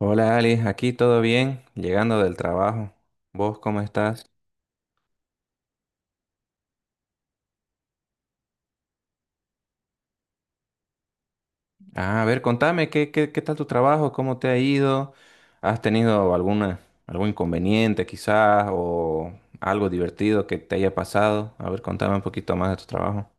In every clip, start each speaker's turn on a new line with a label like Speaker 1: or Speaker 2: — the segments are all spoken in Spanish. Speaker 1: Hola Ali, aquí todo bien, llegando del trabajo. ¿Vos cómo estás? Ah, a ver, contame, ¿qué, qué tal tu trabajo? ¿Cómo te ha ido? ¿Has tenido alguna, algún inconveniente quizás o algo divertido que te haya pasado? A ver, contame un poquito más de tu trabajo.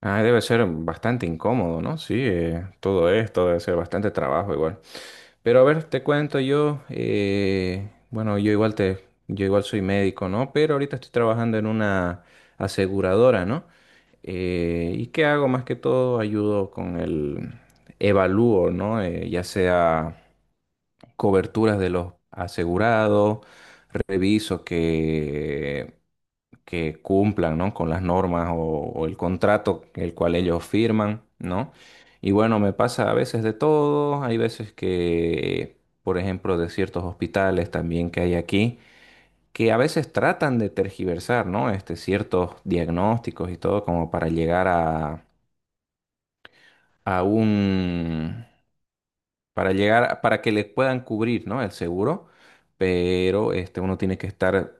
Speaker 1: Ah, debe ser bastante incómodo, ¿no? Sí, todo esto debe ser bastante trabajo igual. Pero a ver, te cuento yo, bueno, yo igual te, yo igual soy médico, ¿no? Pero ahorita estoy trabajando en una aseguradora, ¿no? ¿Y qué hago? Más que todo ayudo con el evalúo, ¿no? Ya sea coberturas de los asegurados, reviso que cumplan, ¿no? Con las normas o el contrato el cual ellos firman, ¿no? Y bueno, me pasa a veces de todo, hay veces que, por ejemplo, de ciertos hospitales también que hay aquí, que a veces tratan de tergiversar, ¿no? Este, ciertos diagnósticos y todo como para llegar a, a un, para llegar, para que les puedan cubrir, ¿no? El seguro, pero este, uno tiene que estar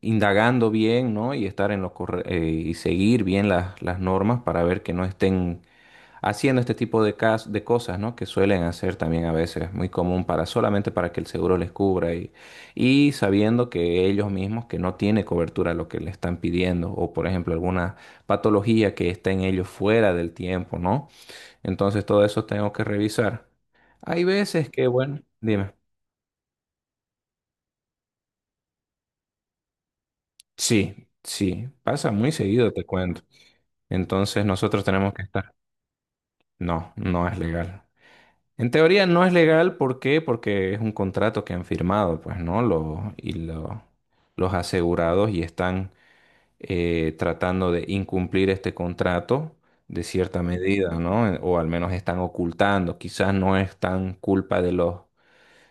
Speaker 1: indagando bien, ¿no? Y estar en lo y seguir bien las normas para ver que no estén haciendo este tipo de de cosas, ¿no? Que suelen hacer también a veces, muy común para solamente para que el seguro les cubra y sabiendo que ellos mismos que no tiene cobertura lo que le están pidiendo o por ejemplo alguna patología que esté en ellos fuera del tiempo, ¿no? Entonces todo eso tengo que revisar. Hay veces que, bueno, dime. Sí, sí, pasa muy seguido, te cuento. Entonces nosotros tenemos que estar. No, no es legal. En teoría no es legal, ¿por qué? Porque es un contrato que han firmado, pues, ¿no? Los asegurados y están tratando de incumplir este contrato de cierta medida, ¿no? O al menos están ocultando. Quizás no es tan culpa de los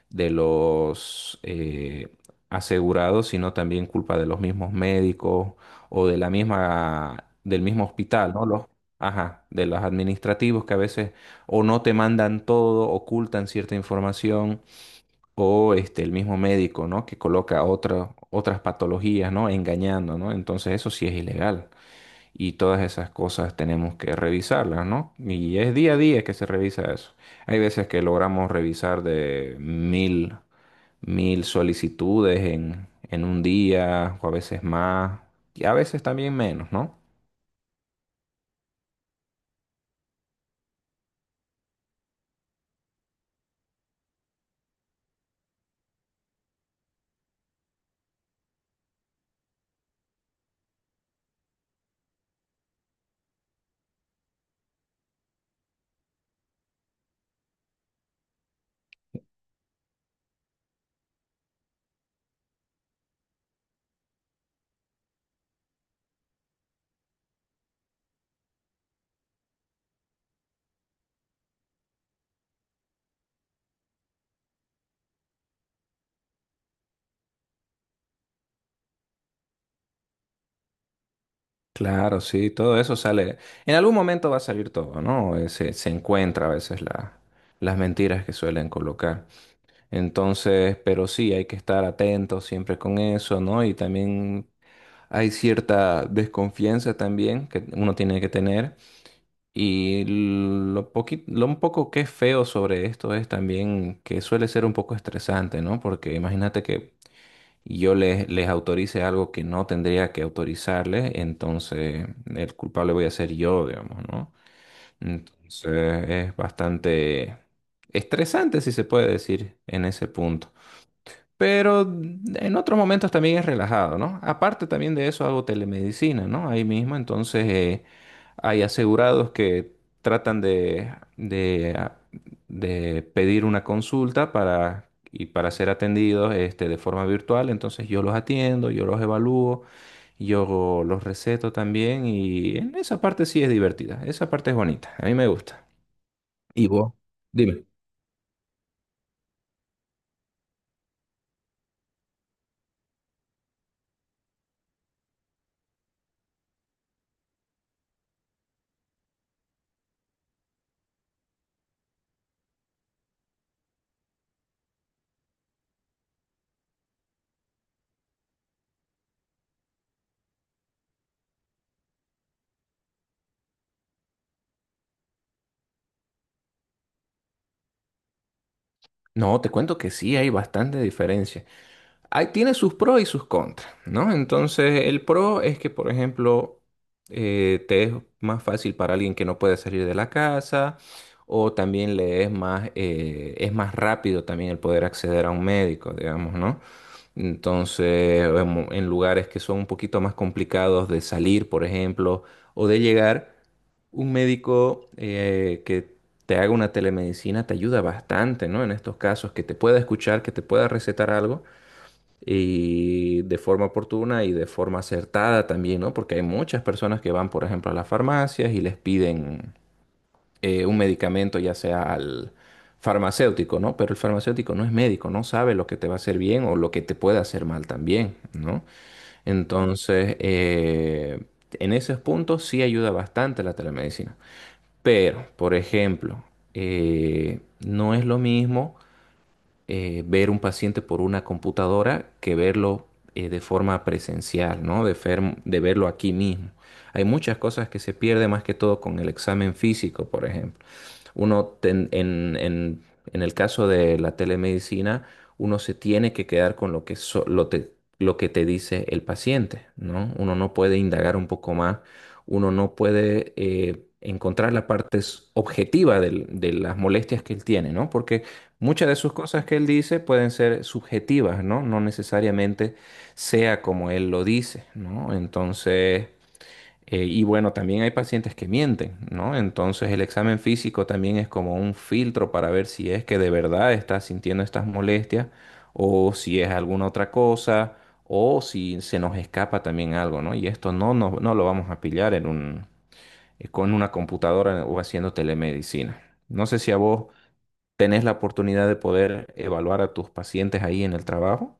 Speaker 1: de los eh, asegurados, sino también culpa de los mismos médicos o de la misma, del mismo hospital, ¿no? Los, ajá, de los administrativos que a veces o no te mandan todo, ocultan cierta información, o este, el mismo médico, ¿no? Que coloca otras patologías, ¿no? Engañando, ¿no? Entonces eso sí es ilegal. Y todas esas cosas tenemos que revisarlas, ¿no? Y es día a día que se revisa eso. Hay veces que logramos revisar de mil solicitudes en un día, o a veces más, y a veces también menos, ¿no? Claro, sí, todo eso sale. En algún momento va a salir todo, ¿no? Se, se encuentra a veces las mentiras que suelen colocar. Entonces, pero sí, hay que estar atentos siempre con eso, ¿no? Y también hay cierta desconfianza también que uno tiene que tener. Y lo lo un poco que es feo sobre esto es también que suele ser un poco estresante, ¿no? Porque imagínate que yo les, les autorice algo que no tendría que autorizarles, entonces el culpable voy a ser yo, digamos, ¿no? Entonces es bastante estresante, si se puede decir, en ese punto. Pero en otros momentos también es relajado, ¿no? Aparte también de eso hago telemedicina, ¿no? Ahí mismo, entonces hay asegurados que tratan de, de pedir una consulta para, y para ser atendidos este, de forma virtual, entonces yo los atiendo, yo los evalúo, yo los receto también y en esa parte sí es divertida, esa parte es bonita, a mí me gusta. Y vos, dime. No, te cuento que sí hay bastante diferencia. Ahí tiene sus pros y sus contras, ¿no? Entonces, el pro es que, por ejemplo, te es más fácil para alguien que no puede salir de la casa, o también le es más rápido también el poder acceder a un médico, digamos, ¿no? Entonces, en lugares que son un poquito más complicados de salir, por ejemplo, o de llegar, un médico que te haga una telemedicina te ayuda bastante, ¿no? En estos casos, que te pueda escuchar, que te pueda recetar algo y de forma oportuna y de forma acertada también, ¿no? Porque hay muchas personas que van, por ejemplo, a las farmacias y les piden un medicamento, ya sea al farmacéutico, ¿no? Pero el farmacéutico no es médico, no sabe lo que te va a hacer bien o lo que te puede hacer mal también, ¿no? Entonces, en esos puntos sí ayuda bastante la telemedicina. Pero, por ejemplo, no es lo mismo ver un paciente por una computadora que verlo de forma presencial, ¿no? De verlo aquí mismo. Hay muchas cosas que se pierde más que todo con el examen físico, por ejemplo. Uno en el caso de la telemedicina, uno se tiene que quedar con lo que, lo que te dice el paciente, ¿no? Uno no puede indagar un poco más. Uno no puede encontrar la parte objetiva de las molestias que él tiene, ¿no? Porque muchas de sus cosas que él dice pueden ser subjetivas, ¿no? No necesariamente sea como él lo dice, ¿no? Entonces... Y bueno, también hay pacientes que mienten, ¿no? Entonces el examen físico también es como un filtro para ver si es que de verdad estás sintiendo estas molestias o si es alguna otra cosa o si se nos escapa también algo, ¿no? Y esto no lo vamos a pillar en un, con una computadora o haciendo telemedicina. No sé si a vos tenés la oportunidad de poder evaluar a tus pacientes ahí en el trabajo.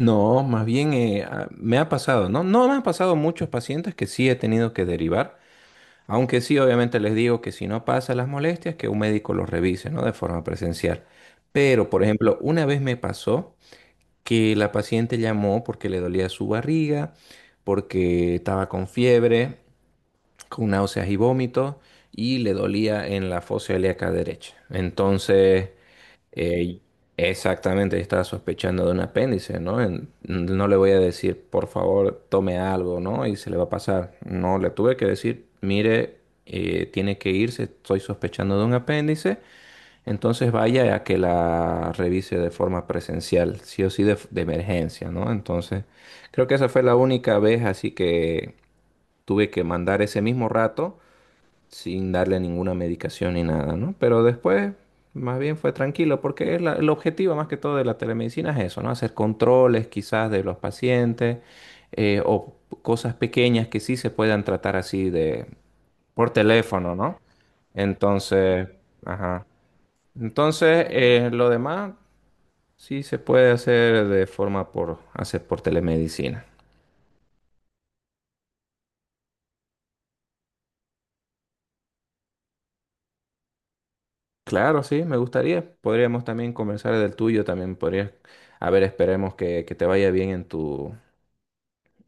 Speaker 1: No, más bien me ha pasado, ¿no? No me han pasado muchos pacientes que sí he tenido que derivar. Aunque sí, obviamente les digo que si no pasa las molestias, que un médico los revise, ¿no? De forma presencial. Pero, por ejemplo, una vez me pasó que la paciente llamó porque le dolía su barriga, porque estaba con fiebre con náuseas y vómitos y le dolía en la fosa ilíaca derecha. Entonces, eh, exactamente, estaba sospechando de un apéndice, ¿no? No le voy a decir, por favor, tome algo, ¿no? Y se le va a pasar. No, le tuve que decir, mire, tiene que irse, estoy sospechando de un apéndice, entonces vaya a que la revise de forma presencial, sí o sí de emergencia, ¿no? Entonces, creo que esa fue la única vez así que tuve que mandar ese mismo rato sin darle ninguna medicación ni nada, ¿no? Pero después, más bien fue tranquilo, porque es el objetivo más que todo de la telemedicina es eso, ¿no? Hacer controles quizás de los pacientes o cosas pequeñas que sí se puedan tratar así de por teléfono, ¿no? Entonces, ajá. Entonces, lo demás sí se puede hacer de forma por telemedicina. Claro, sí, me gustaría. Podríamos también conversar del tuyo, también podrías, a ver, esperemos que te vaya bien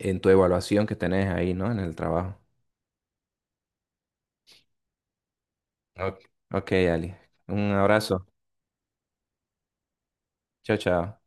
Speaker 1: en tu evaluación que tenés ahí, ¿no? En el trabajo. Ok. Ok, Ali. Un abrazo. Chao, chao.